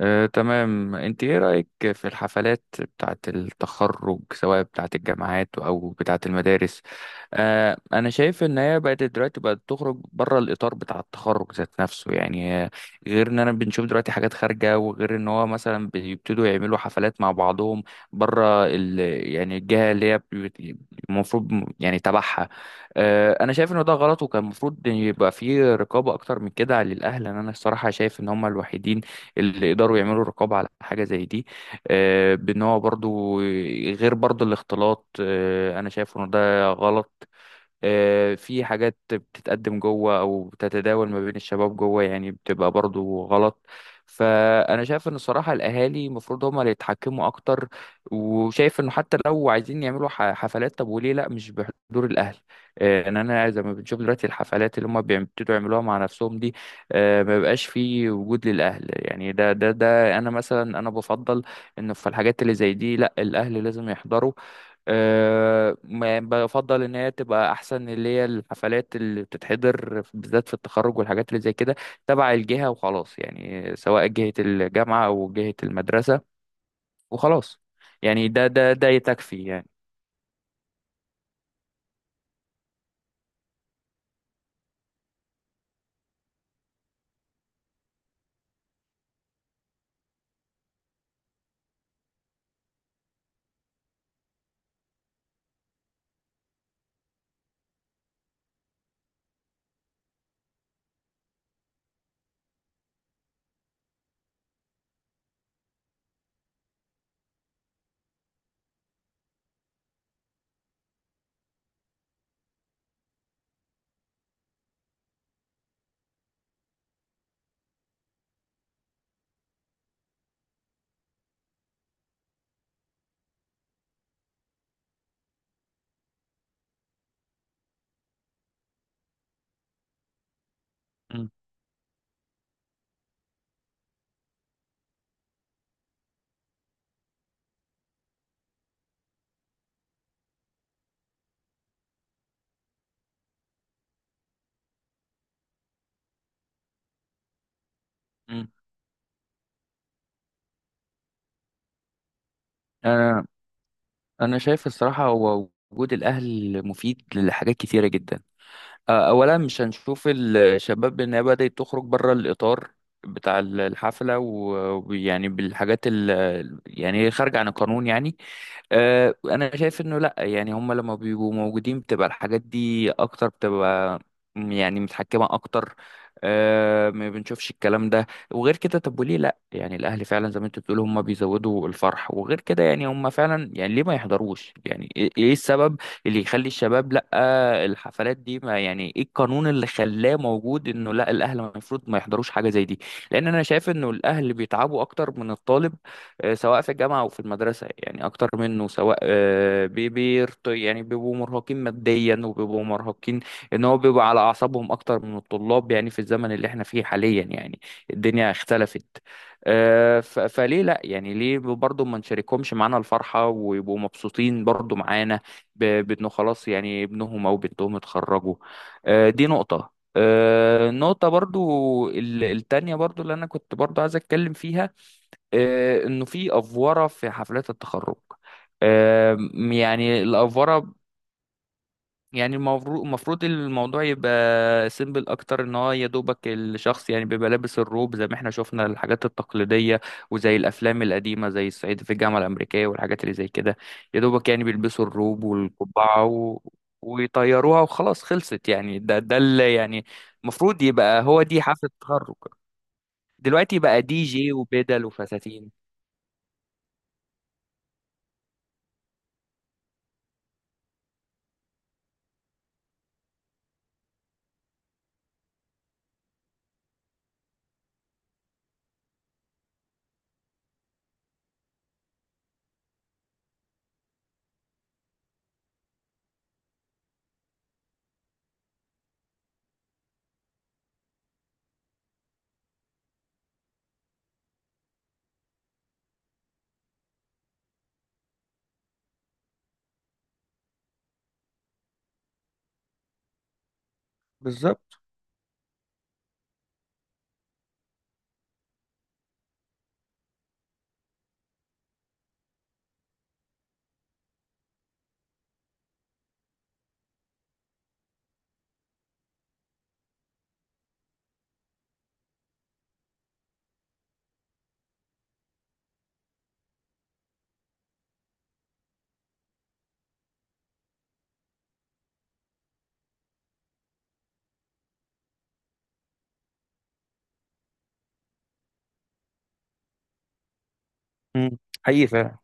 تمام، انت ايه رأيك في الحفلات بتاعة التخرج، سواء بتاعة الجامعات او بتاعة المدارس؟ انا شايف ان هي بقت دلوقتي بقت تخرج بره الاطار بتاع التخرج ذات نفسه، يعني غير ان انا بنشوف دلوقتي حاجات خارجة، وغير ان هو مثلا بيبتدوا يعملوا حفلات مع بعضهم بره يعني الجهة اللي هي المفروض يعني تبعها. انا شايف ان ده غلط، وكان المفروض يبقى فيه رقابة اكتر من كده للاهل. انا الصراحة شايف ان هم الوحيدين اللي يقدروا يعملوا رقابة على حاجة زي دي. بان هو برضو غير برضو الاختلاط، انا شايف ان ده غلط. في حاجات بتتقدم جوه او بتتداول ما بين الشباب جوه، يعني بتبقى برضو غلط. فانا شايف ان الصراحه الاهالي المفروض هم اللي يتحكموا اكتر، وشايف انه حتى لو عايزين يعملوا حفلات، طب وليه لا مش بحضور الاهل؟ ان انا زي ما بنشوف دلوقتي الحفلات اللي هم بيبتدوا يعملوها مع نفسهم دي، ما بيبقاش في وجود للاهل. يعني ده انا مثلا انا بفضل انه في الحاجات اللي زي دي، لا، الاهل لازم يحضروا. أه بفضل ان هي تبقى احسن، اللي هي الحفلات اللي بتتحضر بالذات في التخرج والحاجات اللي زي كده، تبع الجهة وخلاص، يعني سواء جهة الجامعة او جهة المدرسة، وخلاص. يعني ده يتكفي يعني. م- م. انا انا شايف الصراحة هو وجود الاهل مفيد لحاجات كتيرة جدا. اولا، مش هنشوف الشباب انها بدأت تخرج بره الاطار بتاع الحفلة ويعني بالحاجات ال يعني خارجة عن القانون يعني. انا شايف انه لا، يعني هم لما بيبقوا موجودين بتبقى الحاجات دي اكتر، بتبقى يعني متحكمة اكتر. ما بنشوفش الكلام ده. وغير كده، طب وليه لا؟ يعني الاهل فعلا زي ما انت بتقول هم بيزودوا الفرح، وغير كده يعني هم فعلا يعني ليه ما يحضروش؟ يعني ايه إيه السبب اللي يخلي الشباب لا الحفلات دي ما يعني ايه القانون اللي خلاه موجود انه لا الاهل المفروض ما يحضروش حاجه زي دي؟ لان انا شايف انه الاهل بيتعبوا اكتر من الطالب، سواء في الجامعه او في المدرسه، يعني اكتر منه، سواء بيرت يعني، بيبقوا مرهقين ماديا وبيبقوا مرهقين، ان هو بيبقى على اعصابهم اكتر من الطلاب، يعني في الزمن اللي احنا فيه حاليا يعني الدنيا اختلفت. فليه لا يعني؟ ليه برضه ما نشاركهمش معانا الفرحه ويبقوا مبسوطين برضه معانا، بانه خلاص يعني ابنهم او بنتهم اتخرجوا. دي نقطة. النقطة برضو التانية برضو اللي انا كنت برضو عايز اتكلم فيها انه في افورة في حفلات التخرج. يعني الافورة يعني، المفروض الموضوع يبقى سيمبل اكتر، ان هو يا دوبك الشخص يعني بيبقى لابس الروب زي ما احنا شفنا الحاجات التقليديه، وزي الافلام القديمه، زي الصعيدي في الجامعه الامريكيه والحاجات اللي زي كده. يا دوبك يعني بيلبسوا الروب والقبعه ويطيروها وخلاص، خلصت يعني. ده اللي يعني المفروض يبقى هو دي حفله التخرج. دلوقتي بقى دي جي وبدل وفساتين. بالظبط. مم. حقيقي فعلا.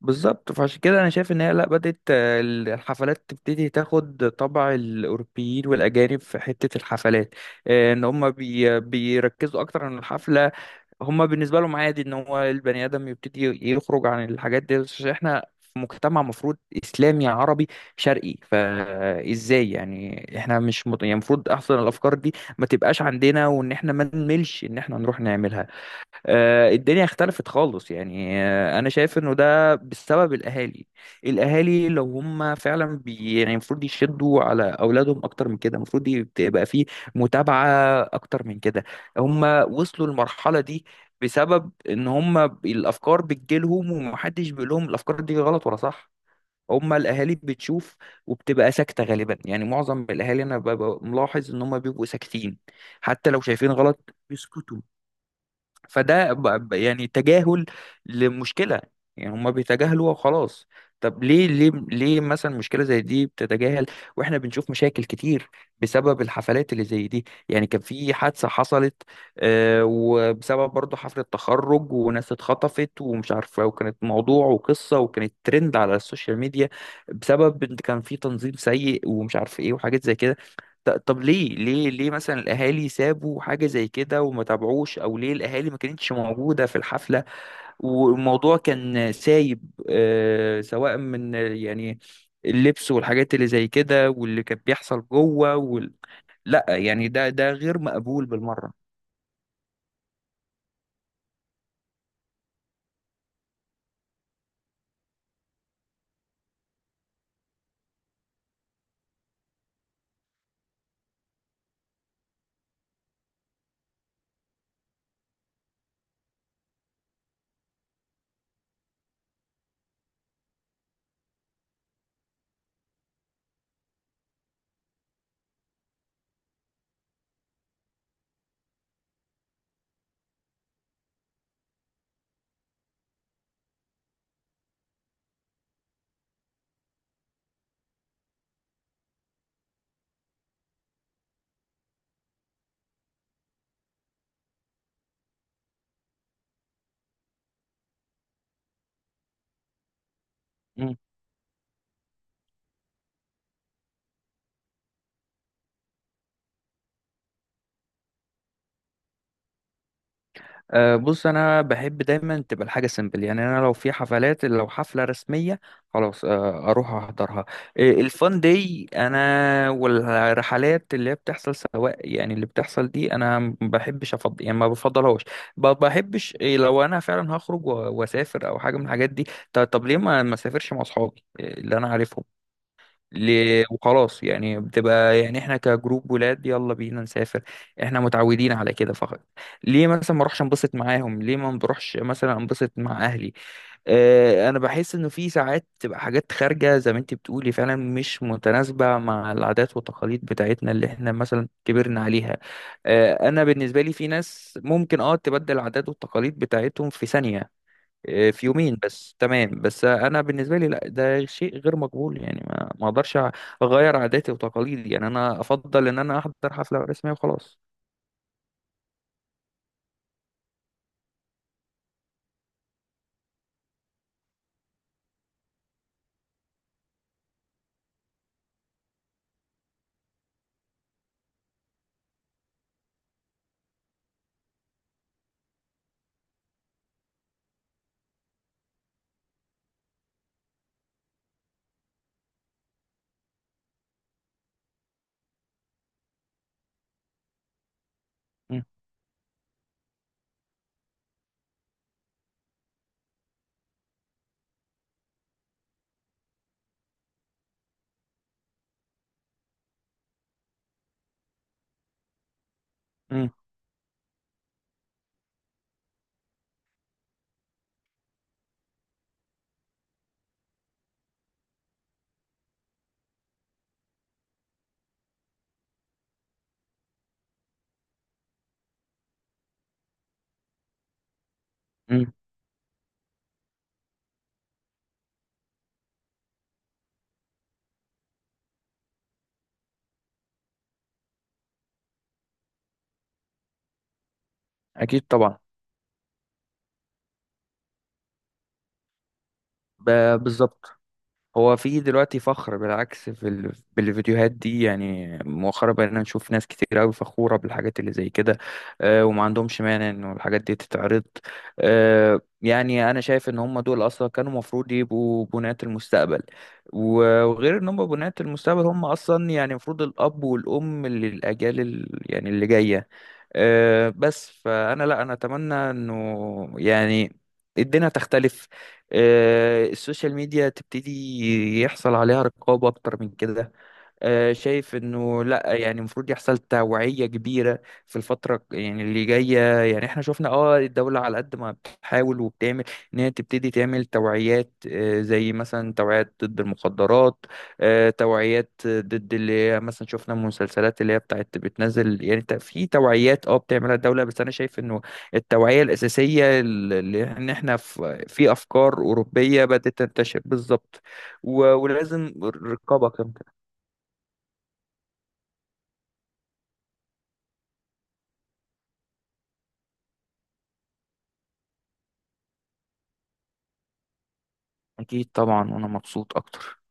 بالظبط. فعشان كده انا شايف ان هي لا، بدات الحفلات تبتدي تاخد طبع الاوروبيين والاجانب في حته الحفلات، ان هم بيركزوا اكتر عن الحفله. هم بالنسبه لهم عادي ان هو البني ادم يبتدي يخرج عن الحاجات دي، عشان احنا في مجتمع مفروض اسلامي عربي شرقي. فازاي يعني احنا مش يعني المفروض احسن الافكار دي ما تبقاش عندنا، وان احنا ما نملش ان احنا نروح نعملها. الدنيا اختلفت خالص يعني. انا شايف انه ده بسبب الاهالي. الاهالي لو هم فعلا بي يعني المفروض يشدوا على اولادهم اكتر من كده، المفروض يبقى فيه متابعة اكتر من كده. هم وصلوا للمرحلة دي بسبب ان هم الافكار بتجيلهم، ومحدش بيقول لهم الافكار دي غلط ولا صح. هم الاهالي بتشوف وبتبقى ساكتة غالبا، يعني معظم الاهالي انا ببقى ملاحظ ان هم بيبقوا ساكتين، حتى لو شايفين غلط بيسكتوا. فده يعني تجاهل لمشكلة. يعني هما بيتجاهلوها وخلاص. طب ليه، ليه مثلا مشكلة زي دي بتتجاهل؟ واحنا بنشوف مشاكل كتير بسبب الحفلات اللي زي دي. يعني كان في حادثة حصلت، وبسبب برضه حفلة تخرج، وناس اتخطفت ومش عارفة، وكانت موضوع وقصة وكانت ترند على السوشيال ميديا بسبب إن كان في تنظيم سيء، ومش عارف ايه وحاجات زي كده. طب ليه، ليه مثلا الاهالي سابوا حاجه زي كده وما تابعوش؟ او ليه الاهالي ما كانتش موجوده في الحفله والموضوع كان سايب سواء من يعني اللبس والحاجات اللي زي كده، واللي كان بيحصل جوه لا يعني ده غير مقبول بالمره. إمم. أه بص، انا بحب دايما تبقى الحاجه سيمبل. يعني انا لو في حفلات، لو حفله رسميه، خلاص اروح احضرها. الفان دي انا، والرحلات اللي هي بتحصل، سواء يعني اللي بتحصل دي، انا ما بحبش افضل يعني ما بفضلهاش. بحبش إيه، لو انا فعلا هخرج واسافر او حاجه من الحاجات دي، طب ليه ما اسافرش مع اصحابي، اللي انا عارفهم، وخلاص؟ يعني بتبقى يعني احنا كجروب ولاد يلا بينا نسافر، احنا متعودين على كده فقط. ليه مثلا ما اروحش انبسط معاهم؟ ليه ما بروحش مثلا انبسط مع اهلي؟ اه انا بحس انه في ساعات تبقى حاجات خارجة، زي ما انت بتقولي فعلا، مش متناسبة مع العادات والتقاليد بتاعتنا اللي احنا مثلا كبرنا عليها. اه انا بالنسبة لي في ناس ممكن اه تبدل العادات والتقاليد بتاعتهم في ثانية، إيه، في يومين بس، تمام. بس انا بالنسبه لي لا، ده شيء غير مقبول. يعني ما اقدرش اغير عاداتي وتقاليدي. يعني انا افضل ان انا احضر حفله رسميه وخلاص. مم. مم. مم. اكيد طبعا. بالظبط. هو في دلوقتي فخر بالعكس بالفيديوهات دي. يعني مؤخرا بقينا نشوف ناس كتير قوي فخورة بالحاجات اللي زي كده، وما عندهمش مانع انه الحاجات دي تتعرض. يعني انا شايف ان هم دول اصلا كانوا مفروض يبقوا بناة المستقبل، وغير ان هم بناة المستقبل هم اصلا يعني المفروض الاب والام للاجيال يعني اللي جاية. بس فانا لا، انا اتمنى انه يعني الدنيا تختلف. السوشيال ميديا تبتدي يحصل عليها رقابة اكتر من كده. شايف انه لا، يعني المفروض يحصل توعية كبيرة في الفترة يعني اللي جاية. يعني احنا شفنا اه الدولة على قد ما بتحاول وبتعمل ان هي تبتدي تعمل توعيات، زي مثلا توعيات ضد المخدرات، توعيات ضد اللي هي مثلا شفنا المسلسلات اللي هي بتاعت بتنزل يعني في توعيات اه بتعملها الدولة. بس انا شايف انه التوعية الأساسية، اللي ان احنا في افكار أوروبية بدأت تنتشر بالظبط، ولازم رقابة كمان. أكيد طبعا، وأنا مبسوط أكتر.